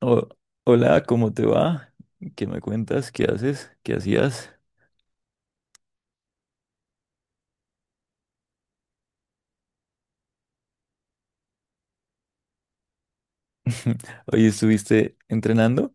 Ho- hola, ¿cómo te va? ¿Qué me cuentas? ¿Qué haces? ¿Qué hacías? Hoy estuviste entrenando.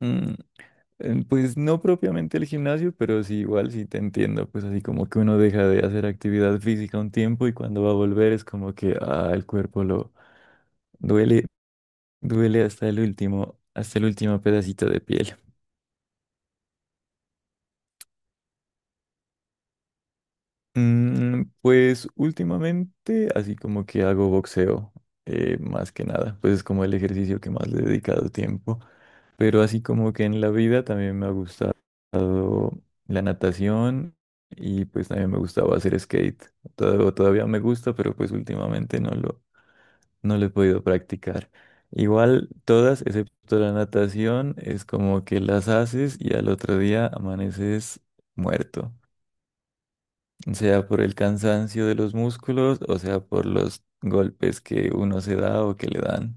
Mm, pues no propiamente el gimnasio, pero sí igual, sí te entiendo. Pues así como que uno deja de hacer actividad física un tiempo y cuando va a volver es como que ah, el cuerpo lo duele, duele hasta el último pedacito de piel. Pues últimamente, así como que hago boxeo, más que nada, pues es como el ejercicio que más le he dedicado tiempo, pero así como que en la vida también me ha gustado la natación y pues también me gustaba hacer skate. Todavía me gusta, pero pues últimamente no lo he podido practicar. Igual todas, excepto la natación, es como que las haces y al otro día amaneces muerto sea por el cansancio de los músculos o sea por los golpes que uno se da o que le dan.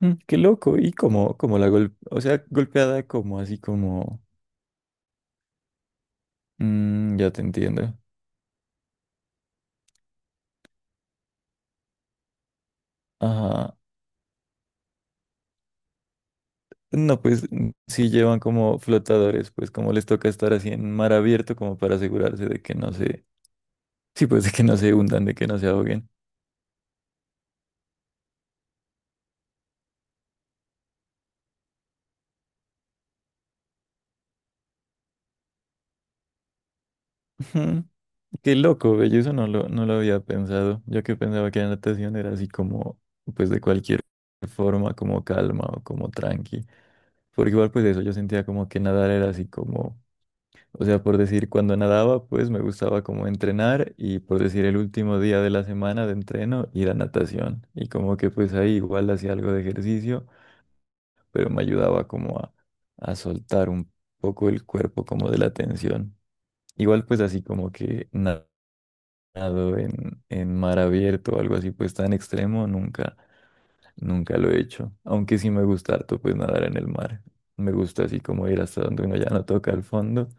Qué loco, y como o sea, golpeada como así como. Ya te entiendo. Ajá. No, pues sí llevan como flotadores, pues como les toca estar así en mar abierto como para asegurarse de que no se, sí, pues de que no se hundan, de que no se ahoguen. Ujú. Qué loco, güey, yo eso no lo había pensado. Yo que pensaba que la natación era así como, pues de cualquier forma, como calma o como tranqui. Porque igual pues eso, yo sentía como que nadar era así como, o sea, por decir, cuando nadaba, pues me gustaba como entrenar y por decir el último día de la semana de entreno, ir a natación. Y como que pues ahí igual hacía algo de ejercicio, pero me ayudaba como a soltar un poco el cuerpo como de la tensión. Igual pues así como que nada nadado en mar abierto o algo así, pues tan extremo, nunca lo he hecho. Aunque sí me gusta harto, pues nadar en el mar. Me gusta así como ir hasta donde uno ya no toca el fondo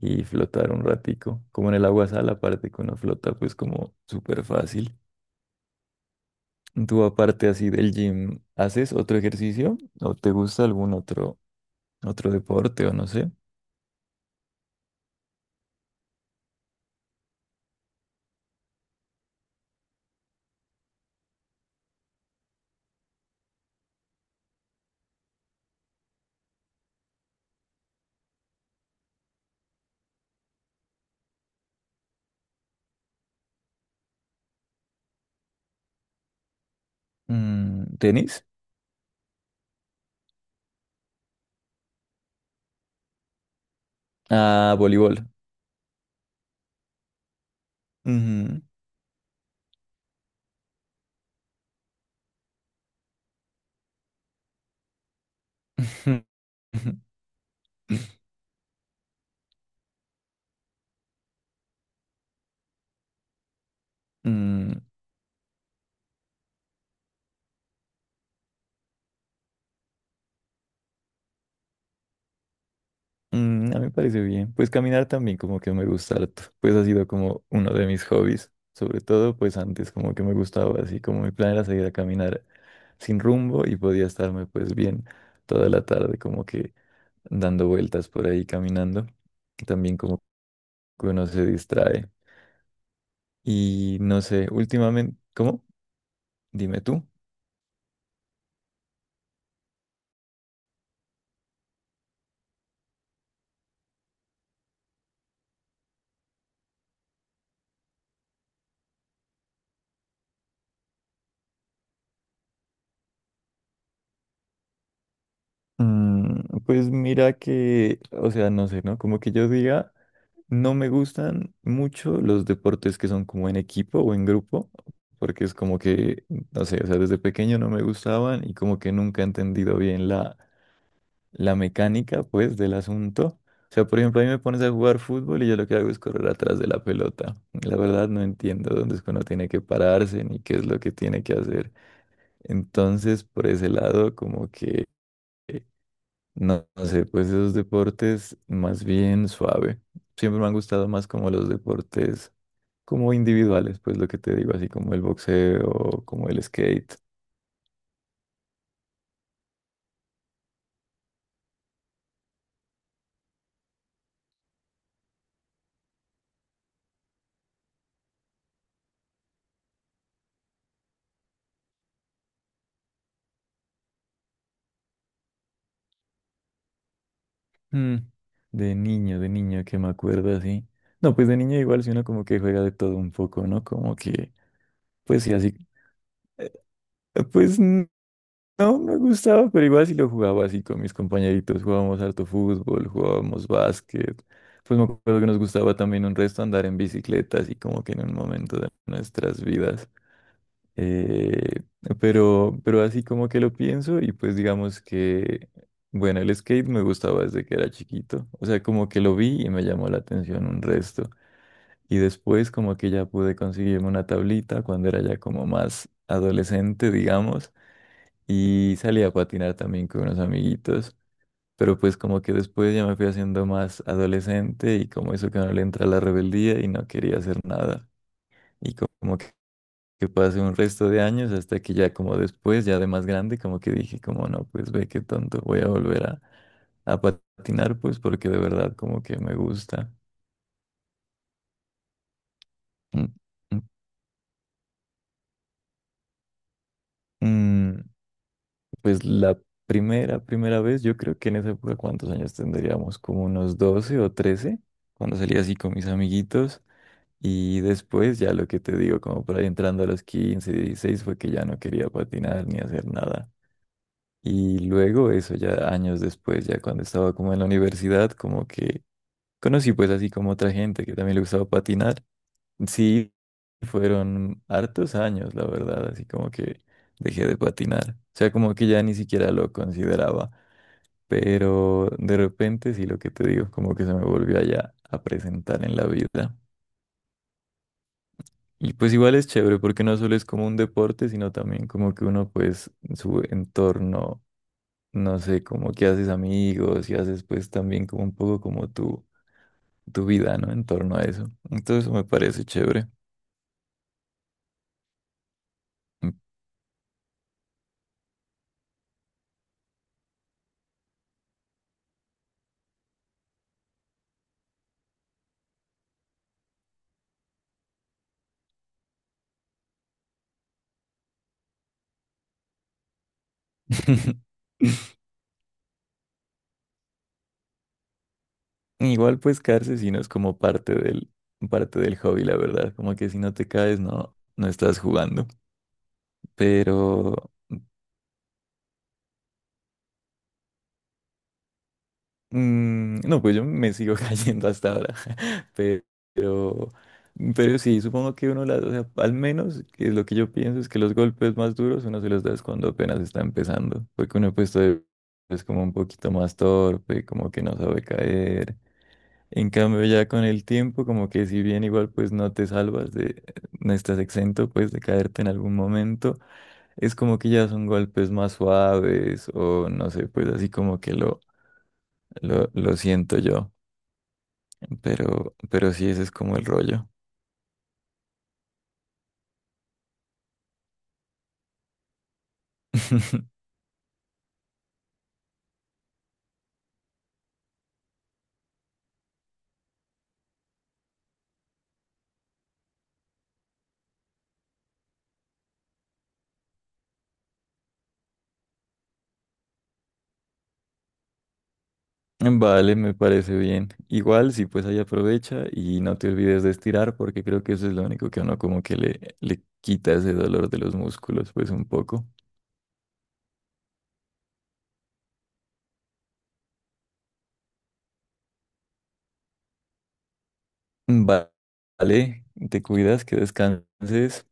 y flotar un ratico. Como en el agua sal, aparte que uno flota, pues como súper fácil. Tú aparte así del gym, ¿haces otro ejercicio? ¿O te gusta algún otro, otro deporte o no sé? Mm, ¿tenis? Ah, voleibol. Ujú. Mm. A mí me parece bien. Pues caminar también como que me gusta harto. Pues ha sido como uno de mis hobbies. Sobre todo, pues antes como que me gustaba así, como mi plan era salir a caminar sin rumbo y podía estarme pues bien toda la tarde como que dando vueltas por ahí caminando. También como que uno se distrae. Y no sé, últimamente, ¿cómo? Dime tú. Pues mira que, o sea, no sé, ¿no? Como que yo diga... No me gustan mucho los deportes que son como en equipo o en grupo, porque es como que, no sé, o sea, desde pequeño no me gustaban y como que nunca he entendido bien la mecánica, pues, del asunto. O sea, por ejemplo, a mí me pones a jugar fútbol y yo lo que hago es correr atrás de la pelota. La verdad no entiendo dónde es que uno tiene que pararse ni qué es lo que tiene que hacer. Entonces, por ese lado, como que, no, no sé, pues esos deportes más bien suave. Siempre me han gustado más como los deportes como individuales, pues lo que te digo, así como el boxeo, como el skate. Mm, de niño, de niño, que me acuerdo así. No, pues de niño igual, si uno como que juega de todo un poco, ¿no? Como que, pues sí, así. eh, Pues no me gustaba, pero igual sí lo jugaba así con mis compañeritos. Jugábamos harto fútbol, jugábamos básquet. Pues me acuerdo que nos gustaba también un resto andar en bicicleta, así como que en un momento de nuestras vidas. Eh, pero así como que lo pienso y pues digamos que, bueno, el skate me gustaba desde que era chiquito. O sea, como que lo vi y me llamó la atención un resto. Y después como que ya pude conseguirme una tablita cuando era ya como más adolescente, digamos. Y salí a patinar también con unos amiguitos. Pero pues como que después ya me fui haciendo más adolescente y como eso que no le entra la rebeldía y no quería hacer nada. Y como que pase un resto de años hasta que ya como después, ya de más grande, como que dije, como no, pues ve qué tonto, voy a volver a patinar, pues porque de verdad como que me gusta. Mm, mm, mm, Pues la primera vez, yo creo que en esa época, ¿cuántos años tendríamos? Como unos 12 o 13 cuando salía así con mis amiguitos. Y después ya lo que te digo, como por ahí entrando a los 15, 16 fue que ya no quería patinar ni hacer nada. Y luego eso ya años después, ya cuando estaba como en la universidad, como que conocí pues así como otra gente que también le gustaba patinar. Sí, fueron hartos años, la verdad, así como que dejé de patinar. O sea, como que ya ni siquiera lo consideraba, pero de repente sí lo que te digo, como que se me volvió allá a presentar en la vida. Y pues igual es chévere porque no solo es como un deporte, sino también como que uno pues su entorno no sé, como que haces amigos y haces pues también como un poco como tu vida, ¿no? En torno a eso. Entonces eso me parece chévere. Igual pues caerse si no es como parte del hobby, la verdad. Como que si no te caes, no, no estás jugando. Pero. No, pues yo me sigo cayendo hasta ahora. Pe- Pero, pero sí, supongo que uno las, o sea, al menos que es lo que yo pienso es que los golpes más duros uno se los da es cuando apenas está empezando. Porque uno pues todavía es como un poquito más torpe, como que no sabe caer. En cambio, ya con el tiempo, como que si bien igual pues no te salvas de, no estás exento pues de caerte en algún momento. Es como que ya son golpes más suaves o no sé, pues así como que lo siento yo, pero sí, ese es como el rollo. Vale, me parece bien. Igual, sí, pues ahí aprovecha y no te olvides de estirar porque creo que eso es lo único que a uno como que le quita ese dolor de los músculos, pues un poco. Va- Vale, te cuidas, que descanses.